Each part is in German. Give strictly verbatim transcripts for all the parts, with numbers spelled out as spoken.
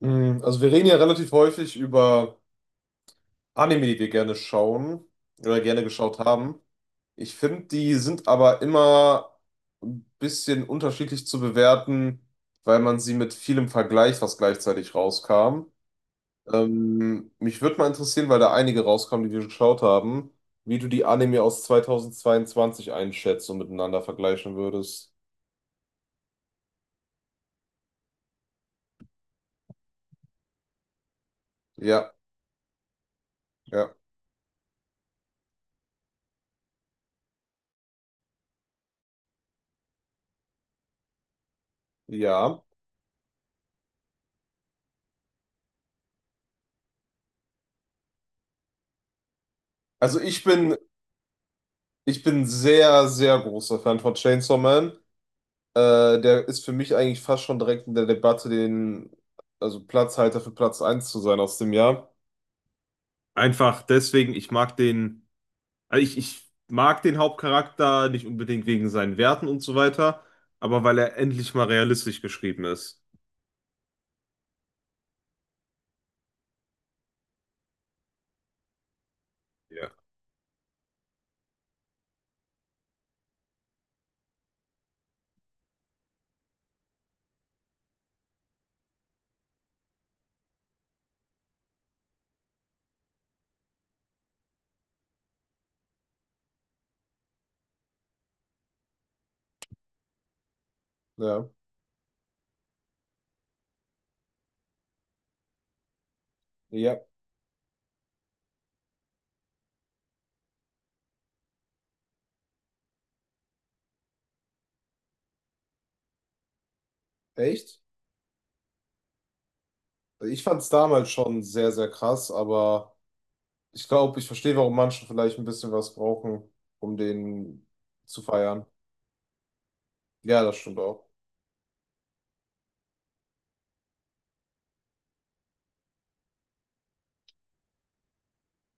Mm, Also wir reden ja relativ häufig über Anime, die wir gerne schauen oder gerne geschaut haben. Ich finde, die sind aber immer ein bisschen unterschiedlich zu bewerten, weil man sie mit vielem vergleicht, was gleichzeitig rauskam. Ähm, mich würde mal interessieren, weil da einige rauskamen, die wir geschaut haben, wie du die Anime aus zweitausendzweiundzwanzig einschätzt und miteinander vergleichen würdest. Ja, ja, ja. Also ich bin, ich bin sehr, sehr großer Fan von Chainsaw Man. Äh, der ist für mich eigentlich fast schon direkt in der Debatte, den, also Platzhalter für Platz eins zu sein aus dem Jahr. Einfach deswegen, ich mag den, also ich, ich mag den Hauptcharakter nicht unbedingt wegen seinen Werten und so weiter, aber weil er endlich mal realistisch geschrieben ist. Ja. Ja, ja, echt? Ich fand es damals schon sehr, sehr krass, aber ich glaube, ich verstehe, warum manche vielleicht ein bisschen was brauchen, um den zu feiern. Ja, das stimmt auch.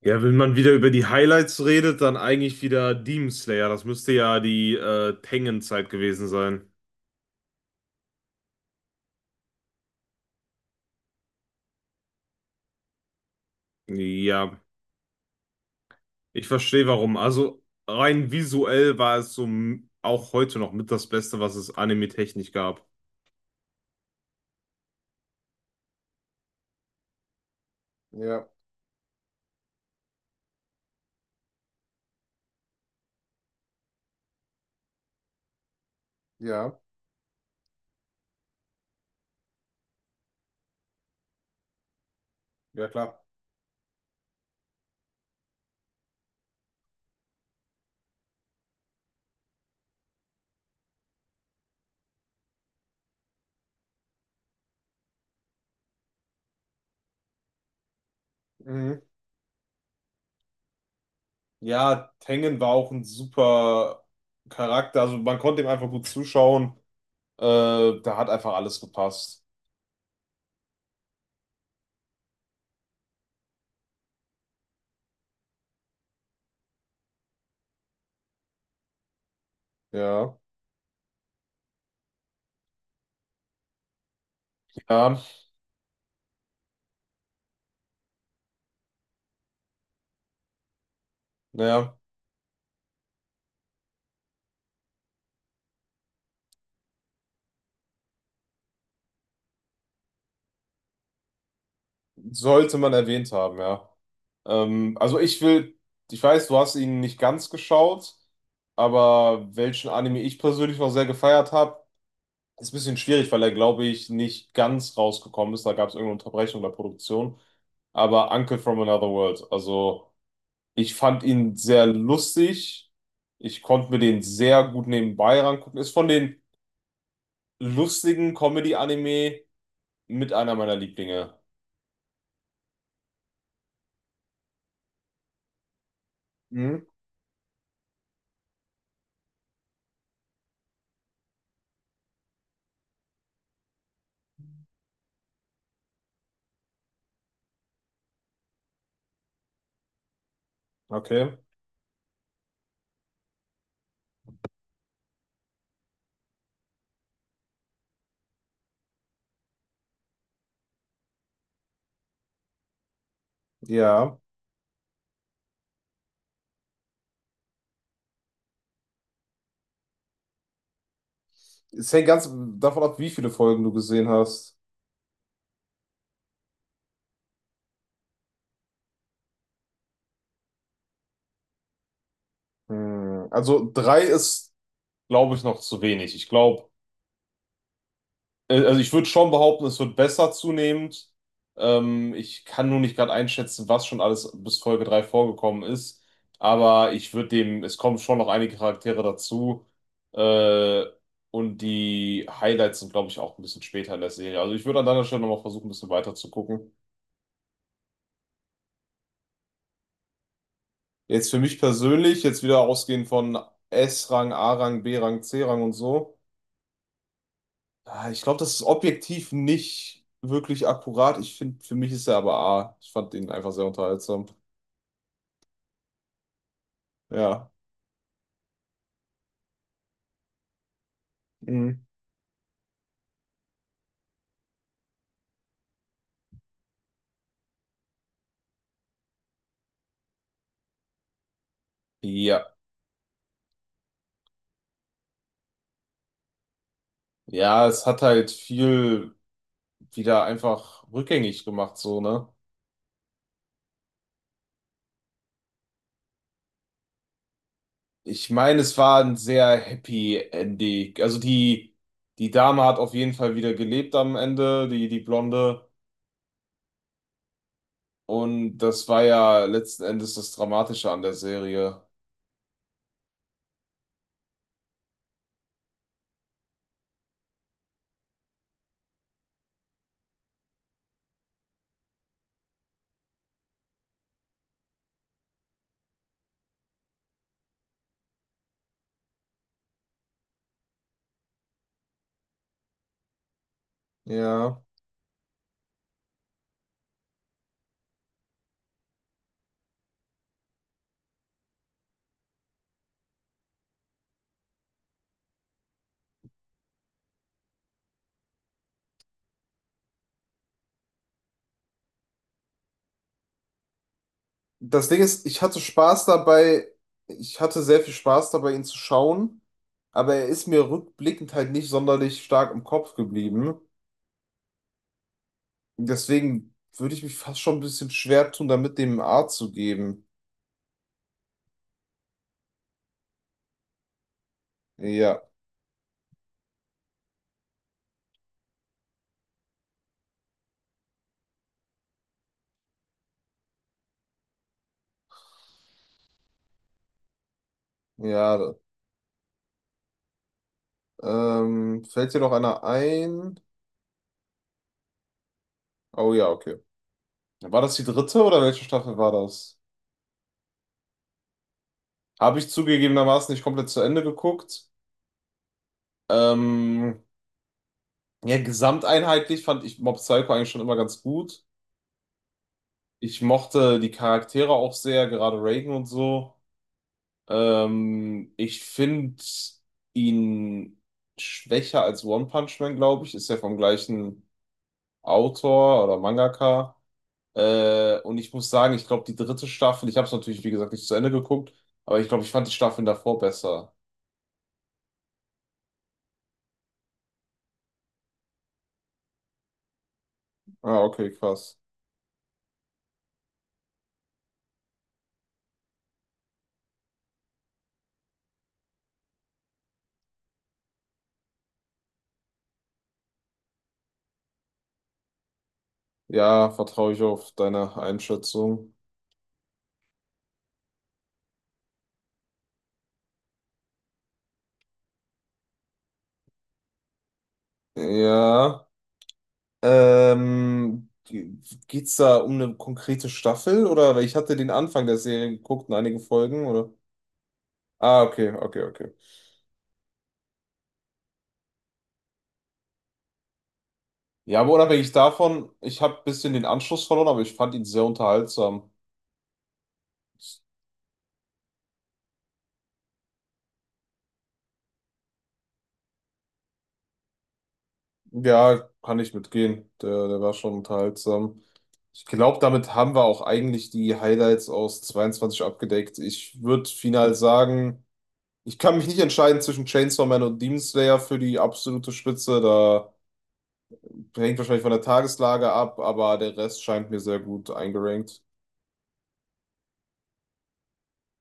Ja, wenn man wieder über die Highlights redet, dann eigentlich wieder Demon Slayer. Das müsste ja die äh, Tengen-Zeit gewesen sein. Ja, ich verstehe warum. Also rein visuell war es so m- auch heute noch mit das Beste, was es anime-technisch gab. Ja, ja, ja klar. Mhm. Ja, Tengen war auch ein super Charakter. Also man konnte ihm einfach gut zuschauen. Äh, da hat einfach alles gepasst. Ja. Ja, naja, sollte man erwähnt haben, ja. Ähm, also ich will, ich weiß, du hast ihn nicht ganz geschaut, aber welchen Anime ich persönlich noch sehr gefeiert habe, ist ein bisschen schwierig, weil er, glaube ich, nicht ganz rausgekommen ist. Da gab es irgendeine Unterbrechung der Produktion. Aber Uncle from Another World, also ich fand ihn sehr lustig. Ich konnte mir den sehr gut nebenbei rangucken. Ist von den lustigen Comedy-Anime mit einer meiner Lieblinge. Mhm, okay, ja. Es hängt ganz davon ab, wie viele Folgen du gesehen hast. Hm, Also drei ist, glaube ich, noch zu wenig. Ich glaube, äh, also ich würde schon behaupten, es wird besser zunehmend. Ähm, ich kann nur nicht gerade einschätzen, was schon alles bis Folge drei vorgekommen ist. Aber ich würde dem, es kommen schon noch einige Charaktere dazu. Äh, und die Highlights sind, glaube ich, auch ein bisschen später in der Serie. Also ich würde an deiner Stelle nochmal versuchen, ein bisschen weiter zu gucken. Jetzt für mich persönlich, jetzt wieder ausgehend von S-Rang, A-Rang, B-Rang, C-Rang und so. Ah, Ich glaube, das ist objektiv nicht wirklich akkurat. Ich finde, für mich ist er aber A. Ich fand ihn einfach sehr unterhaltsam. Ja. Mhm. Ja. Ja, es hat halt viel wieder einfach rückgängig gemacht, so, ne? Ich meine, es war ein sehr happy Ending. Also die, die Dame hat auf jeden Fall wieder gelebt am Ende, die, die Blonde. Und das war ja letzten Endes das Dramatische an der Serie. Ja. Das Ding ist, ich hatte Spaß dabei, ich hatte sehr viel Spaß dabei, ihn zu schauen, aber er ist mir rückblickend halt nicht sonderlich stark im Kopf geblieben. Deswegen würde ich mich fast schon ein bisschen schwer tun, damit dem A zu geben. Ja, ja. Ähm, fällt dir noch einer ein? Oh ja, okay. War das die dritte oder welche Staffel war das? Habe ich zugegebenermaßen nicht komplett zu Ende geguckt. Ähm, ja, gesamteinheitlich fand ich Mob Psycho eigentlich schon immer ganz gut. Ich mochte die Charaktere auch sehr, gerade Reagan und so. Ähm, ich finde ihn schwächer als One Punch Man, glaube ich. Ist ja vom gleichen Autor oder Mangaka. Äh, und ich muss sagen, ich glaube, die dritte Staffel, ich habe es natürlich, wie gesagt, nicht zu Ende geguckt, aber ich glaube, ich fand die Staffeln davor besser. Ah, okay, krass. Ja, vertraue ich auf deine Einschätzung. Ja. Ähm, geht's da um eine konkrete Staffel oder weil ich hatte den Anfang der Serie geguckt und einige Folgen oder? Ah, okay, okay, okay. Ja, aber unabhängig davon, ich habe ein bisschen den Anschluss verloren, aber ich fand ihn sehr unterhaltsam. Ja, kann ich mitgehen. Der, der war schon unterhaltsam. Ich glaube, damit haben wir auch eigentlich die Highlights aus zweiundzwanzig abgedeckt. Ich würde final sagen, ich kann mich nicht entscheiden zwischen Chainsaw Man und Demon Slayer für die absolute Spitze. Da hängt wahrscheinlich von der Tageslage ab, aber der Rest scheint mir sehr gut eingerankt.